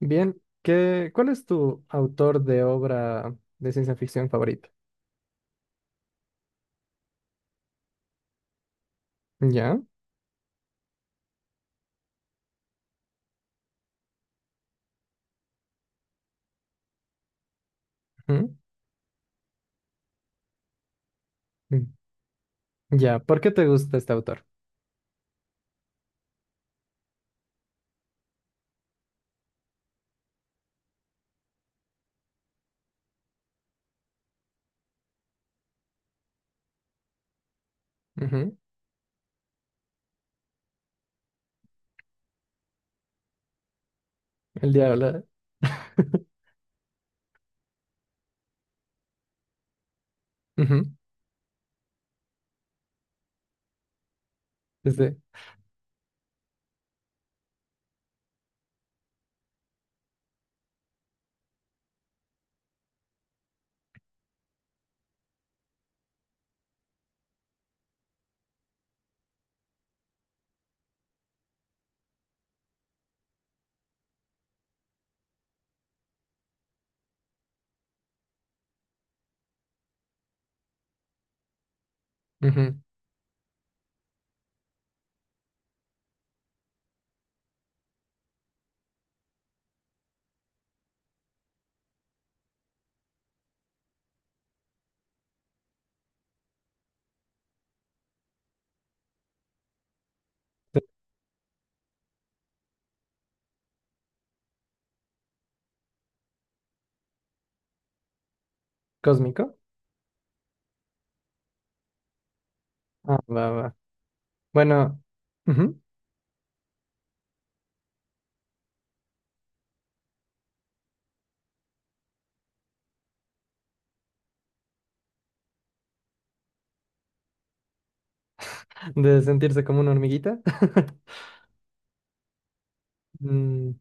Bien, ¿qué, cuál es tu autor de obra de ciencia ficción favorito? ¿Ya? Ujú. mm, ¿Ya? ¿Por qué te gusta este autor? Ujú. El diablo. ujú. Este. Ujú. Este, ¿Cósmico? Ah, va, va. Bueno, ujú, de sentirse como una hormiguita. Mm.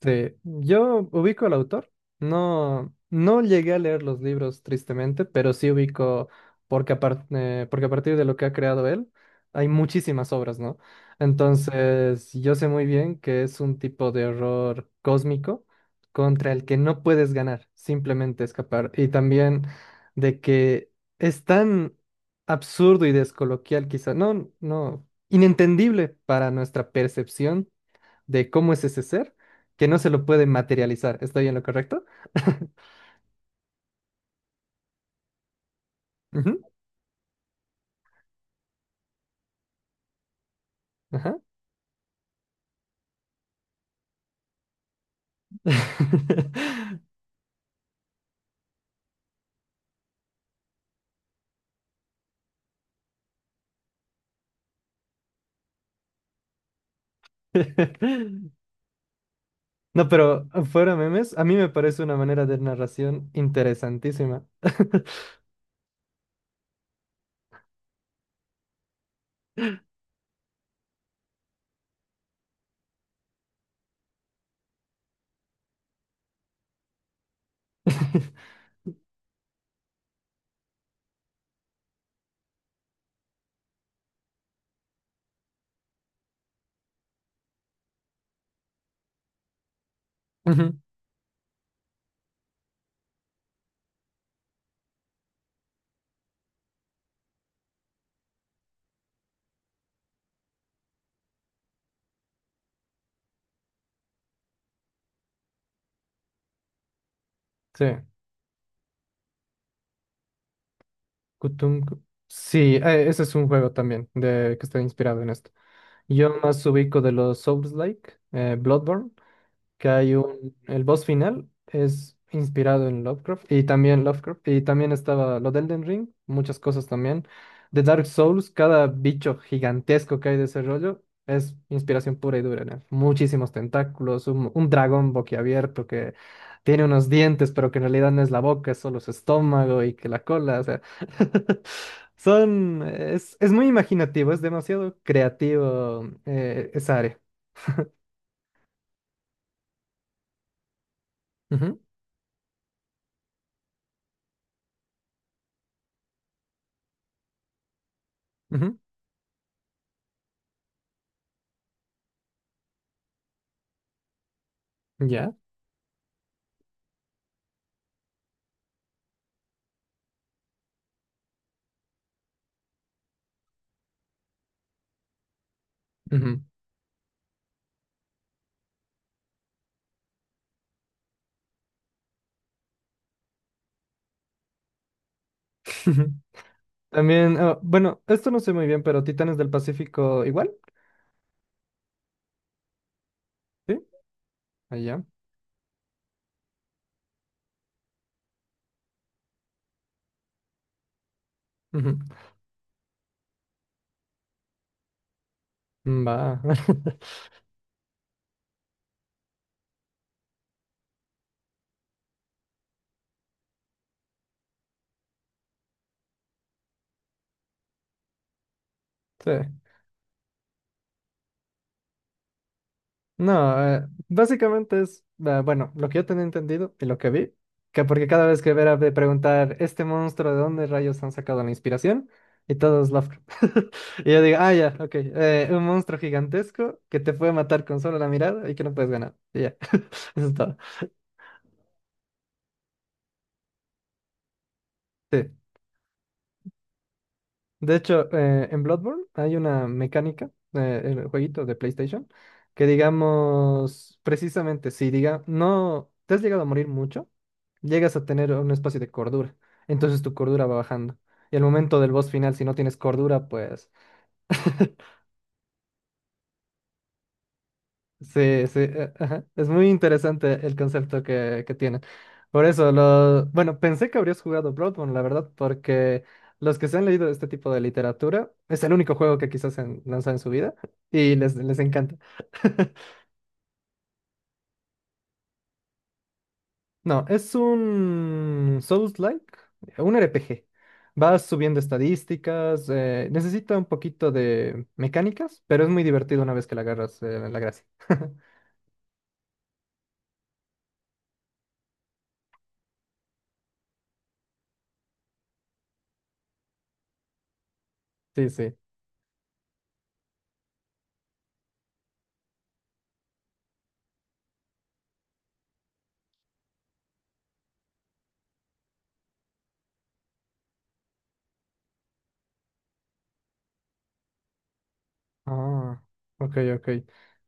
Sí, yo ubico al autor. No, no llegué a leer los libros, tristemente, pero sí ubico, porque, porque a partir de lo que ha creado él, hay muchísimas obras, ¿no? Entonces, yo sé muy bien que es un tipo de horror cósmico contra el que no puedes ganar, simplemente escapar. Y también de que es tan absurdo y descoloquial, quizá, no, no, inentendible para nuestra percepción de cómo es ese ser que no se lo puede materializar. ¿Estoy en lo correcto? Ujú. Ajá. No, pero fuera memes, a mí me parece una manera de narración interesantísima. Ujú. Sí. Kutung- Sí, ese es un juego también de, que está inspirado en esto. Yo más ubico de los Souls-like, Bloodborne, que hay un, el boss final es inspirado en Lovecraft y también estaba lo de Elden Ring, muchas cosas también. De Dark Souls, cada bicho gigantesco que hay de ese rollo es inspiración pura y dura, ¿no? Muchísimos tentáculos, un dragón boquiabierto que tiene unos dientes, pero que en realidad no es la boca, es solo su estómago y que la cola, o sea, es muy imaginativo, es demasiado creativo, esa área. Ujú. Ujú. Ya. Ujú. Ujú. También, ah, bueno, esto no sé muy bien, pero Titanes del Pacífico igual. ¿Sí? Allá. Ujú. Mm. Va. Sí. No, básicamente es, ah, bueno, lo que yo tenía entendido y lo que vi, que porque cada vez que Vera de preguntar, ¿este monstruo de dónde rayos han sacado la inspiración? Y todos Lovecraft. Y yo digo, ah, ya, ok, un monstruo gigantesco que te puede matar con solo la mirada y que no puedes ganar. Y ya, eso es todo. Sí. De hecho, en Bloodborne hay una mecánica, en el jueguito de PlayStation, que digamos, precisamente, si diga, no te has llegado a morir mucho, llegas a tener un espacio de cordura. Entonces tu cordura va bajando. Y al momento del boss final, si no tienes cordura, pues… Sí, sí, ajá. Es muy interesante el concepto que tienen. Por eso, lo… bueno, pensé que habrías jugado Bloodborne, la verdad, porque los que se han leído este tipo de literatura, es el único juego que quizás han lanzado en su vida y les encanta. No, es un Souls-like, un RPG. Vas subiendo estadísticas, necesita un poquito de mecánicas, pero es muy divertido una vez que la agarras, la gracia. Sí, sí. Ah, ok, ok.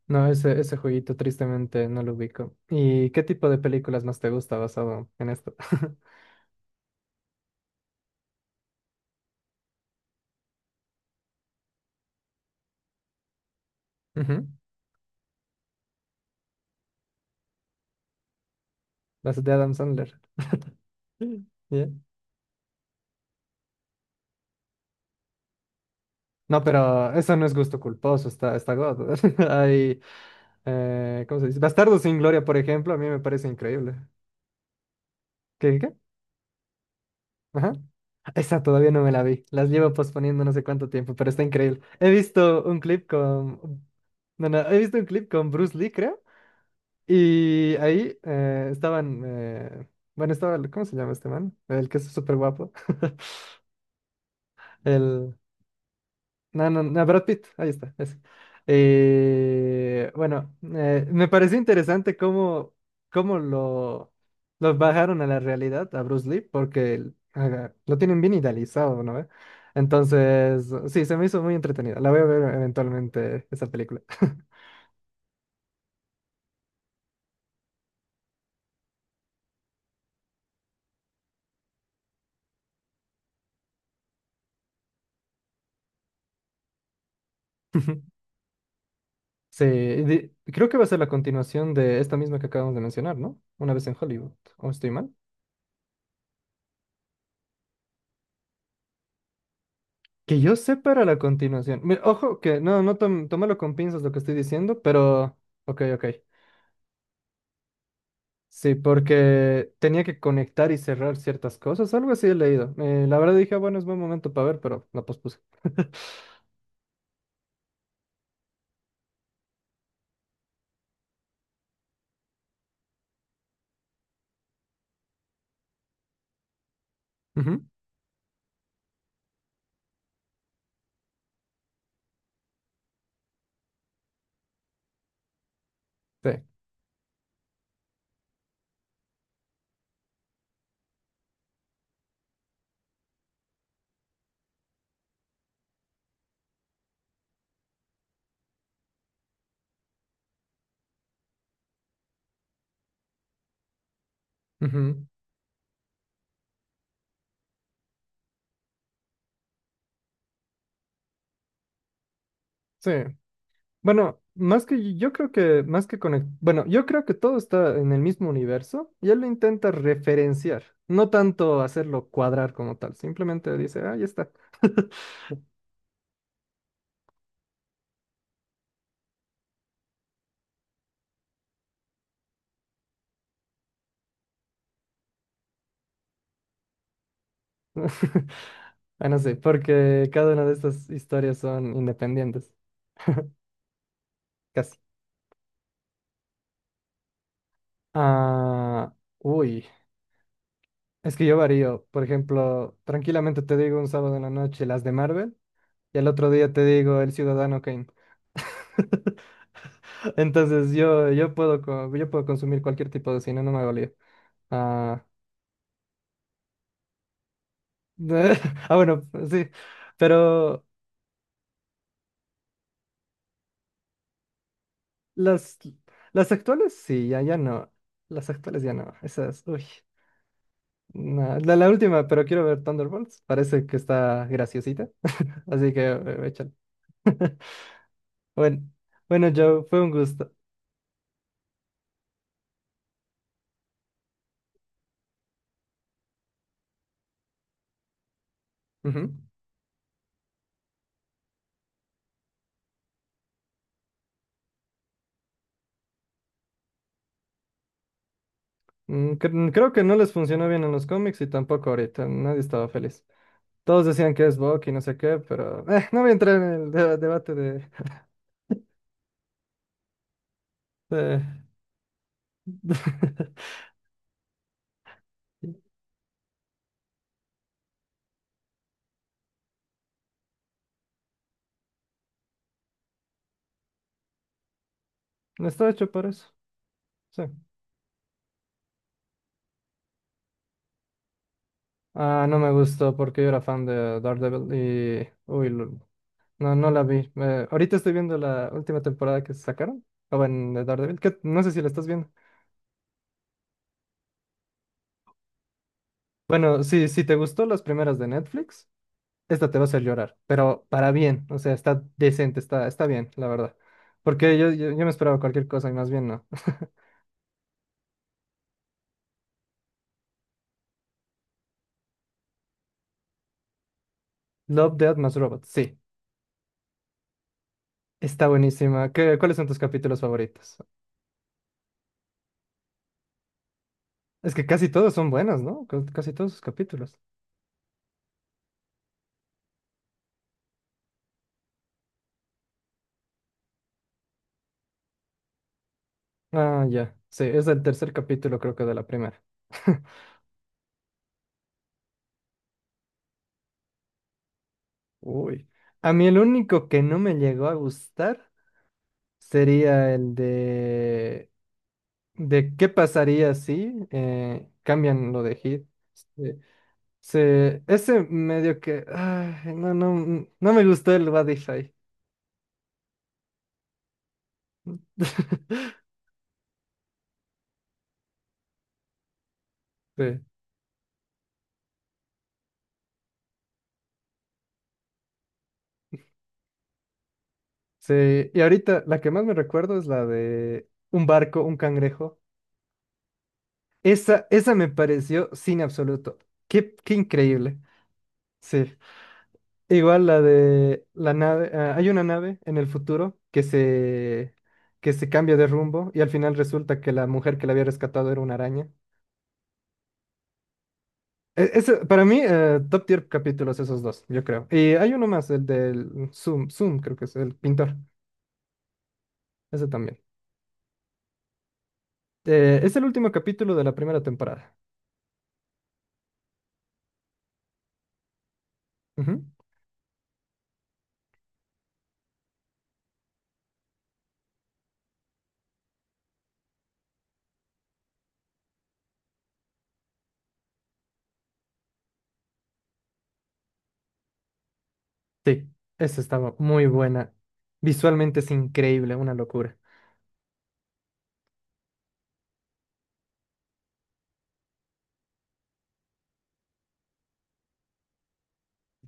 No, ese jueguito tristemente no lo ubico. ¿Y qué tipo de películas más te gusta basado en esto? Ujú. Las de Adam Sandler. Yeah. No, pero eso no es gusto culposo, está, está God. Hay, ¿cómo se dice? Bastardo sin Gloria, por ejemplo, a mí me parece increíble. ¿Qué, qué? Ajá. Esa todavía no me la vi. Las llevo posponiendo no sé cuánto tiempo, pero está increíble. He visto un clip con… No, no, he visto un clip con Bruce Lee, creo. Y ahí, estaban, bueno, estaba, el- ¿cómo se llama este man? El que es súper guapo. El, no, no, no, Brad Pitt, ahí está, ese. Bueno, me pareció interesante cómo, cómo lo bajaron a la realidad a Bruce Lee, porque el- haga- lo tienen bien idealizado, ¿no? ¿Ve? Entonces, sí, se me hizo muy entretenida. La voy a ver eventualmente esa película. Sí, de- creo que va a ser la continuación de esta misma que acabamos de mencionar, ¿no? Una vez en Hollywood, ¿o estoy mal? Que yo sepa era la continuación. Mira, ojo, que no, no tom- tómalo con pinzas lo que estoy diciendo, pero… Ok, ok. Sí, porque tenía que conectar y cerrar ciertas cosas, algo así he leído. La verdad dije, "Ah, bueno, es buen momento para ver", pero la pospuse. Ujú. Sí. Ujú. Sí. Bueno, más que yo creo que más que conect- bueno, yo creo que todo está en el mismo universo y él lo intenta referenciar, no tanto hacerlo cuadrar como tal, simplemente dice, ah, ya está. Ah, no sé, porque cada una de estas historias son independientes, casi. Ah, uy, es que yo varío, por ejemplo, tranquilamente te digo un sábado en la noche las de Marvel y al otro día te digo El Ciudadano Kane. Entonces yo puedo, co- yo puedo consumir cualquier tipo de cine, no me hago lío. Ah, de- ah, bueno, pues, sí, pero las, las actuales sí, ya, ya no. Las actuales ya no. Esas, uy. No, la última, pero quiero ver Thunderbolts. Parece que está graciosita. Así que, échale. Bueno, bueno, Joe, fue un gusto. Ujú. Creo que no les funcionó bien en los cómics y tampoco ahorita. Nadie estaba feliz. Todos decían que es Bucky y no sé qué, pero no voy a entrar en el debate de… de… No está hecho para eso. Sí. Ah, no me gustó porque yo era fan de Daredevil y… Uy, lo- no, no la vi. Ahorita estoy viendo la última temporada que sacaron. O bueno, de Daredevil, que no sé si la estás viendo. Bueno, sí, si te gustó las primeras de Netflix, esta te va a hacer llorar, pero para bien. O sea, está decente, está, está bien, la verdad. Porque yo me esperaba cualquier cosa y más bien no. Love, Death más Robots, sí. Está buenísima. ¿Qué, cuáles son tus capítulos favoritos? Es que casi todos son buenos, ¿no? Ca- Casi todos sus capítulos. Ah, ya. Sí, es el tercer capítulo, creo que de la primera. Uy. A mí el único que no me llegó a gustar sería el de… de qué pasaría si, cambian lo de Hit. Se, se- ese medio que… ay, no, no, mm, no me gustó el Badify. Sí, sí. Y ahorita la que más me recuerdo es la de un barco, un cangrejo. Esa me pareció sin absoluto. Qué, qué increíble. Sí. Igual la de la nave, ah, hay una nave en el futuro que se cambia de rumbo y al final resulta que la mujer que la había rescatado era una araña. E- Eso, para mí, top tier capítulos esos dos, yo creo. Y hay uno más, el del Zoom, Zoom creo que es el pintor, ese también. Es el último capítulo de la primera temporada. Ujú. Sí, esa estaba muy buena. Visualmente es increíble, una locura.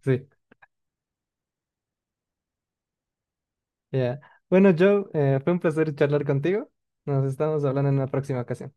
Sí, ya. Bueno, Joe, fue un placer charlar contigo. Nos estamos hablando en una próxima ocasión.